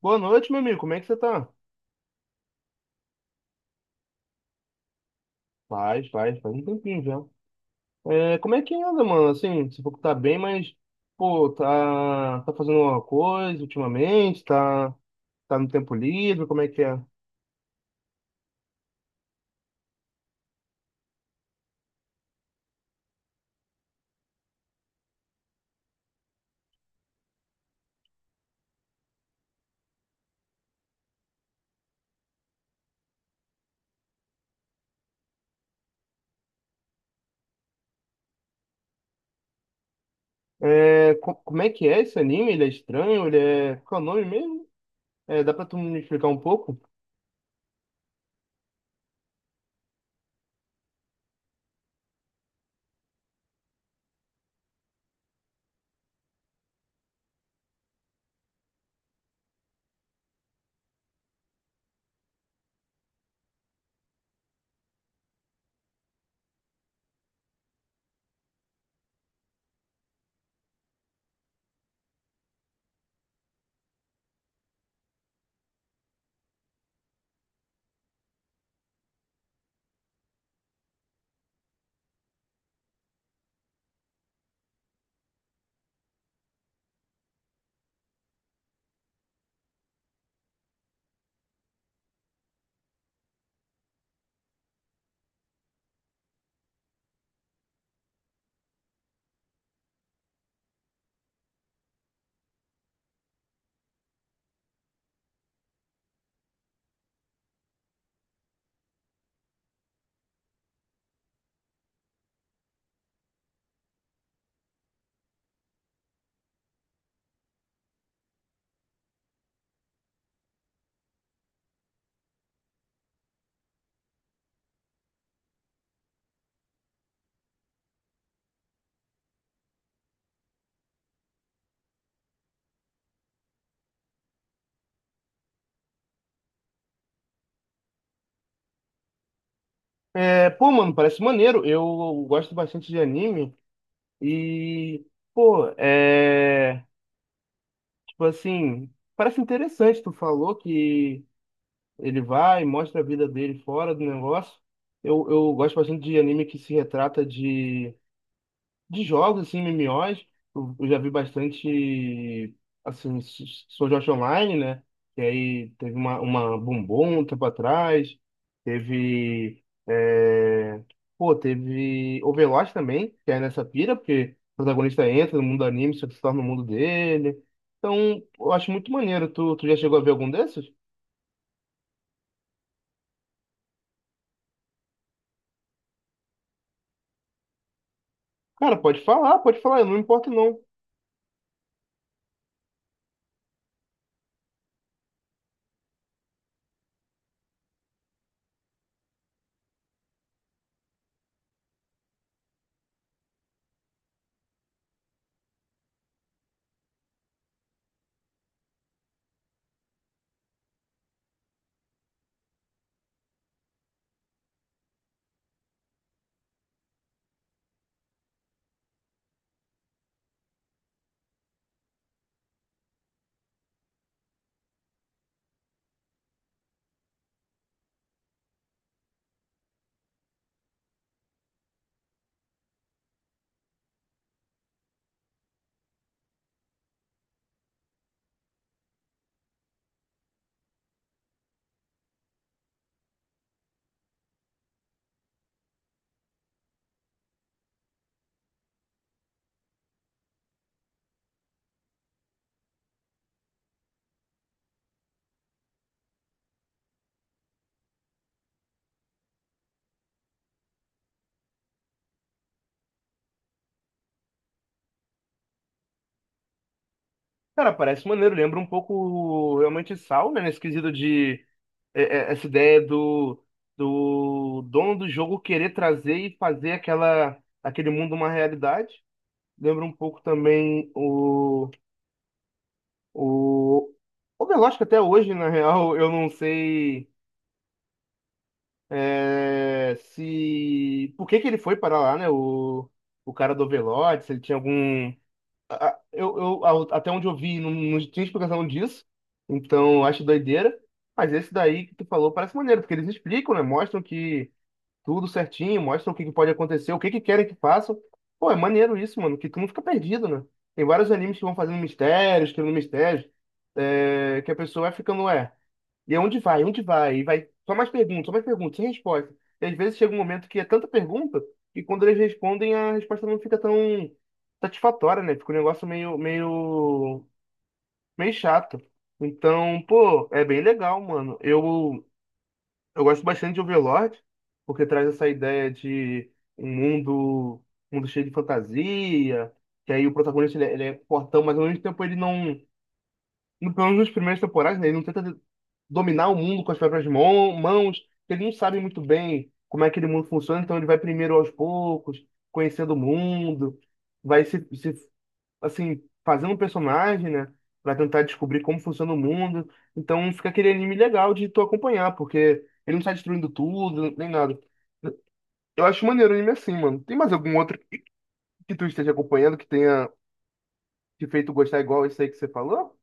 Boa noite, meu amigo. Como é que você tá? Faz um tempinho já. É, como é que anda, mano? Assim, você falou que tá bem, mas, pô, tá fazendo alguma coisa ultimamente? Tá, tá no tempo livre? Como é que é? É, como é que é esse anime? Ele é estranho? Ele é. Qual é o nome mesmo? É, dá pra tu me explicar um pouco? É, pô, mano, parece maneiro. Eu gosto bastante de anime e, pô, é. Tipo assim, parece interessante. Tu falou que. Ele vai, mostra a vida dele fora do negócio. Eu gosto bastante de anime que se retrata de jogos, assim, MMOs. Eu já vi bastante, assim, Sword Art Online, né? E aí teve uma Bombom um tempo atrás. Teve, é, pô, teve Overwatch também, que é nessa pira, porque o protagonista entra no mundo do anime, só que se torna no mundo dele. Então, eu acho muito maneiro. Tu já chegou a ver algum desses? Cara, pode falar, eu não me importo não. Cara, parece maneiro, lembra um pouco realmente Saw, né? Nesse quesito de essa ideia do dono do jogo querer trazer e fazer aquele mundo uma realidade. Lembra um pouco também o Overwatch, que até hoje, na real, eu não sei se. Por que que ele foi para lá, né? O cara do Overwatch, se ele tinha algum até onde eu vi, não tinha explicação disso. Então, eu acho doideira. Mas esse daí que tu falou parece maneiro, porque eles explicam, né? Mostram que tudo certinho, mostram o que que pode acontecer, o que que querem que façam. Pô, é maneiro isso, mano, que tu não fica perdido, né? Tem vários animes que vão fazendo mistérios, criando mistérios, é, que a pessoa vai ficando, ué. E é onde vai? Onde vai? E vai só mais perguntas, sem resposta. E às vezes chega um momento que é tanta pergunta que quando eles respondem a resposta não fica tão satisfatória, né? Fica um negócio meio chato. Então, pô, é bem legal, mano. Eu gosto bastante de Overlord, porque traz essa ideia de um mundo, um mundo cheio de fantasia, que aí o protagonista ele é fortão, mas ao mesmo tempo ele não pelo menos nas primeiras temporadas, né, ele não tenta dominar o mundo com as próprias mãos, ele não sabe muito bem como é que aquele mundo funciona, então ele vai primeiro aos poucos, conhecendo o mundo, vai se assim, fazendo um personagem, né, para tentar descobrir como funciona o mundo. Então fica aquele anime legal de tu acompanhar, porque ele não sai destruindo tudo, nem nada. Eu acho maneiro o anime assim, mano. Tem mais algum outro que tu esteja acompanhando que tenha te feito gostar igual esse aí que você falou?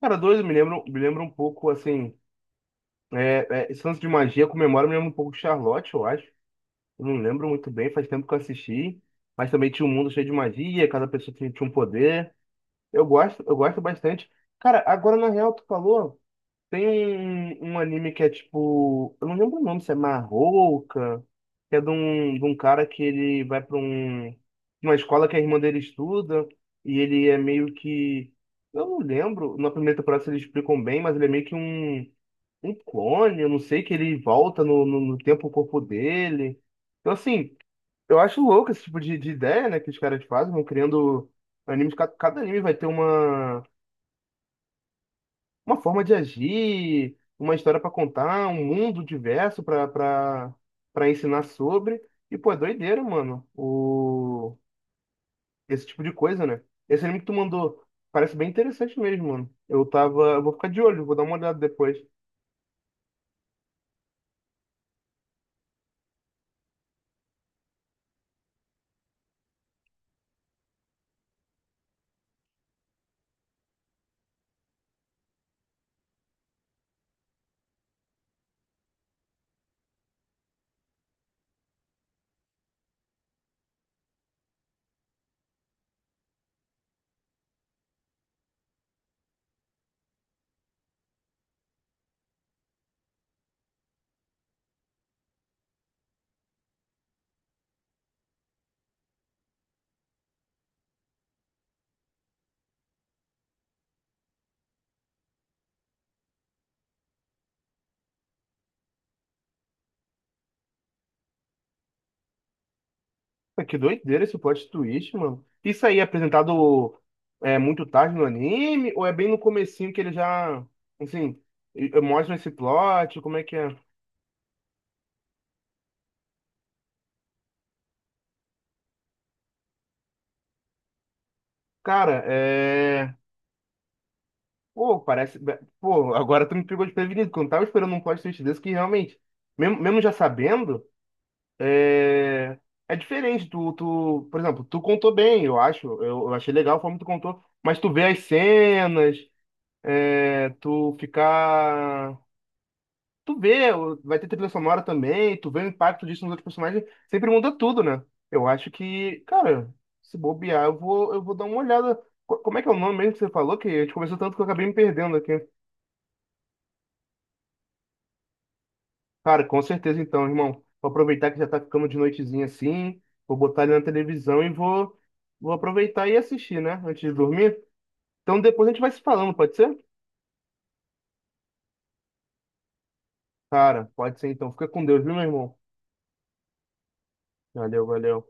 Cara, dois me lembram um pouco, assim, é, é, esse lance de magia comemora mesmo um pouco Charlotte, eu acho. Eu não lembro muito bem, faz tempo que eu assisti. Mas também tinha um mundo cheio de magia, cada pessoa tinha um poder. Eu gosto bastante. Cara, agora na real, tu falou, tem um anime que é tipo. Eu não lembro o nome, se é Marrouca, que é de de um cara que ele vai pra um, uma escola que a irmã dele estuda, e ele é meio que. Eu não lembro, na primeira temporada se eles explicam bem, mas ele é meio que um clone, eu não sei que ele volta no tempo o corpo dele. Então, assim, eu acho louco esse tipo de ideia, né, que os caras fazem, vão criando animes, cada anime vai ter uma forma de agir, uma história pra contar, um mundo diverso pra para para ensinar sobre. E, pô, é doideira, mano, esse tipo de coisa, né? Esse anime que tu mandou parece bem interessante mesmo, mano. Eu tava, eu vou ficar de olho, vou dar uma olhada depois. Pô, que doideira esse plot twist, mano. Isso aí é apresentado é, muito tarde no anime, ou é bem no comecinho que ele já, assim, e mostram esse plot, como é que é? Cara, é... Pô, parece... Pô, agora tu me pegou desprevenido, que eu não tava esperando um plot twist desse, que realmente, mesmo já sabendo, é... É diferente, tu, por exemplo, tu contou bem, eu acho, eu achei legal a forma que tu contou, mas tu vê as cenas, é, tu vê, vai ter trilha sonora também, tu vê o impacto disso nos outros personagens, sempre muda tudo, né? Eu acho que, cara, se bobear, eu vou dar uma olhada. Como é que é o nome mesmo que você falou? Que a gente conversou tanto que eu acabei me perdendo aqui. Cara, com certeza então, irmão. Vou aproveitar que já tá ficando de noitezinha assim, vou botar ele na televisão vou aproveitar e assistir, né? Antes de dormir. Então depois a gente vai se falando, pode ser? Cara, pode ser então. Fica com Deus, viu, meu irmão? Valeu, valeu.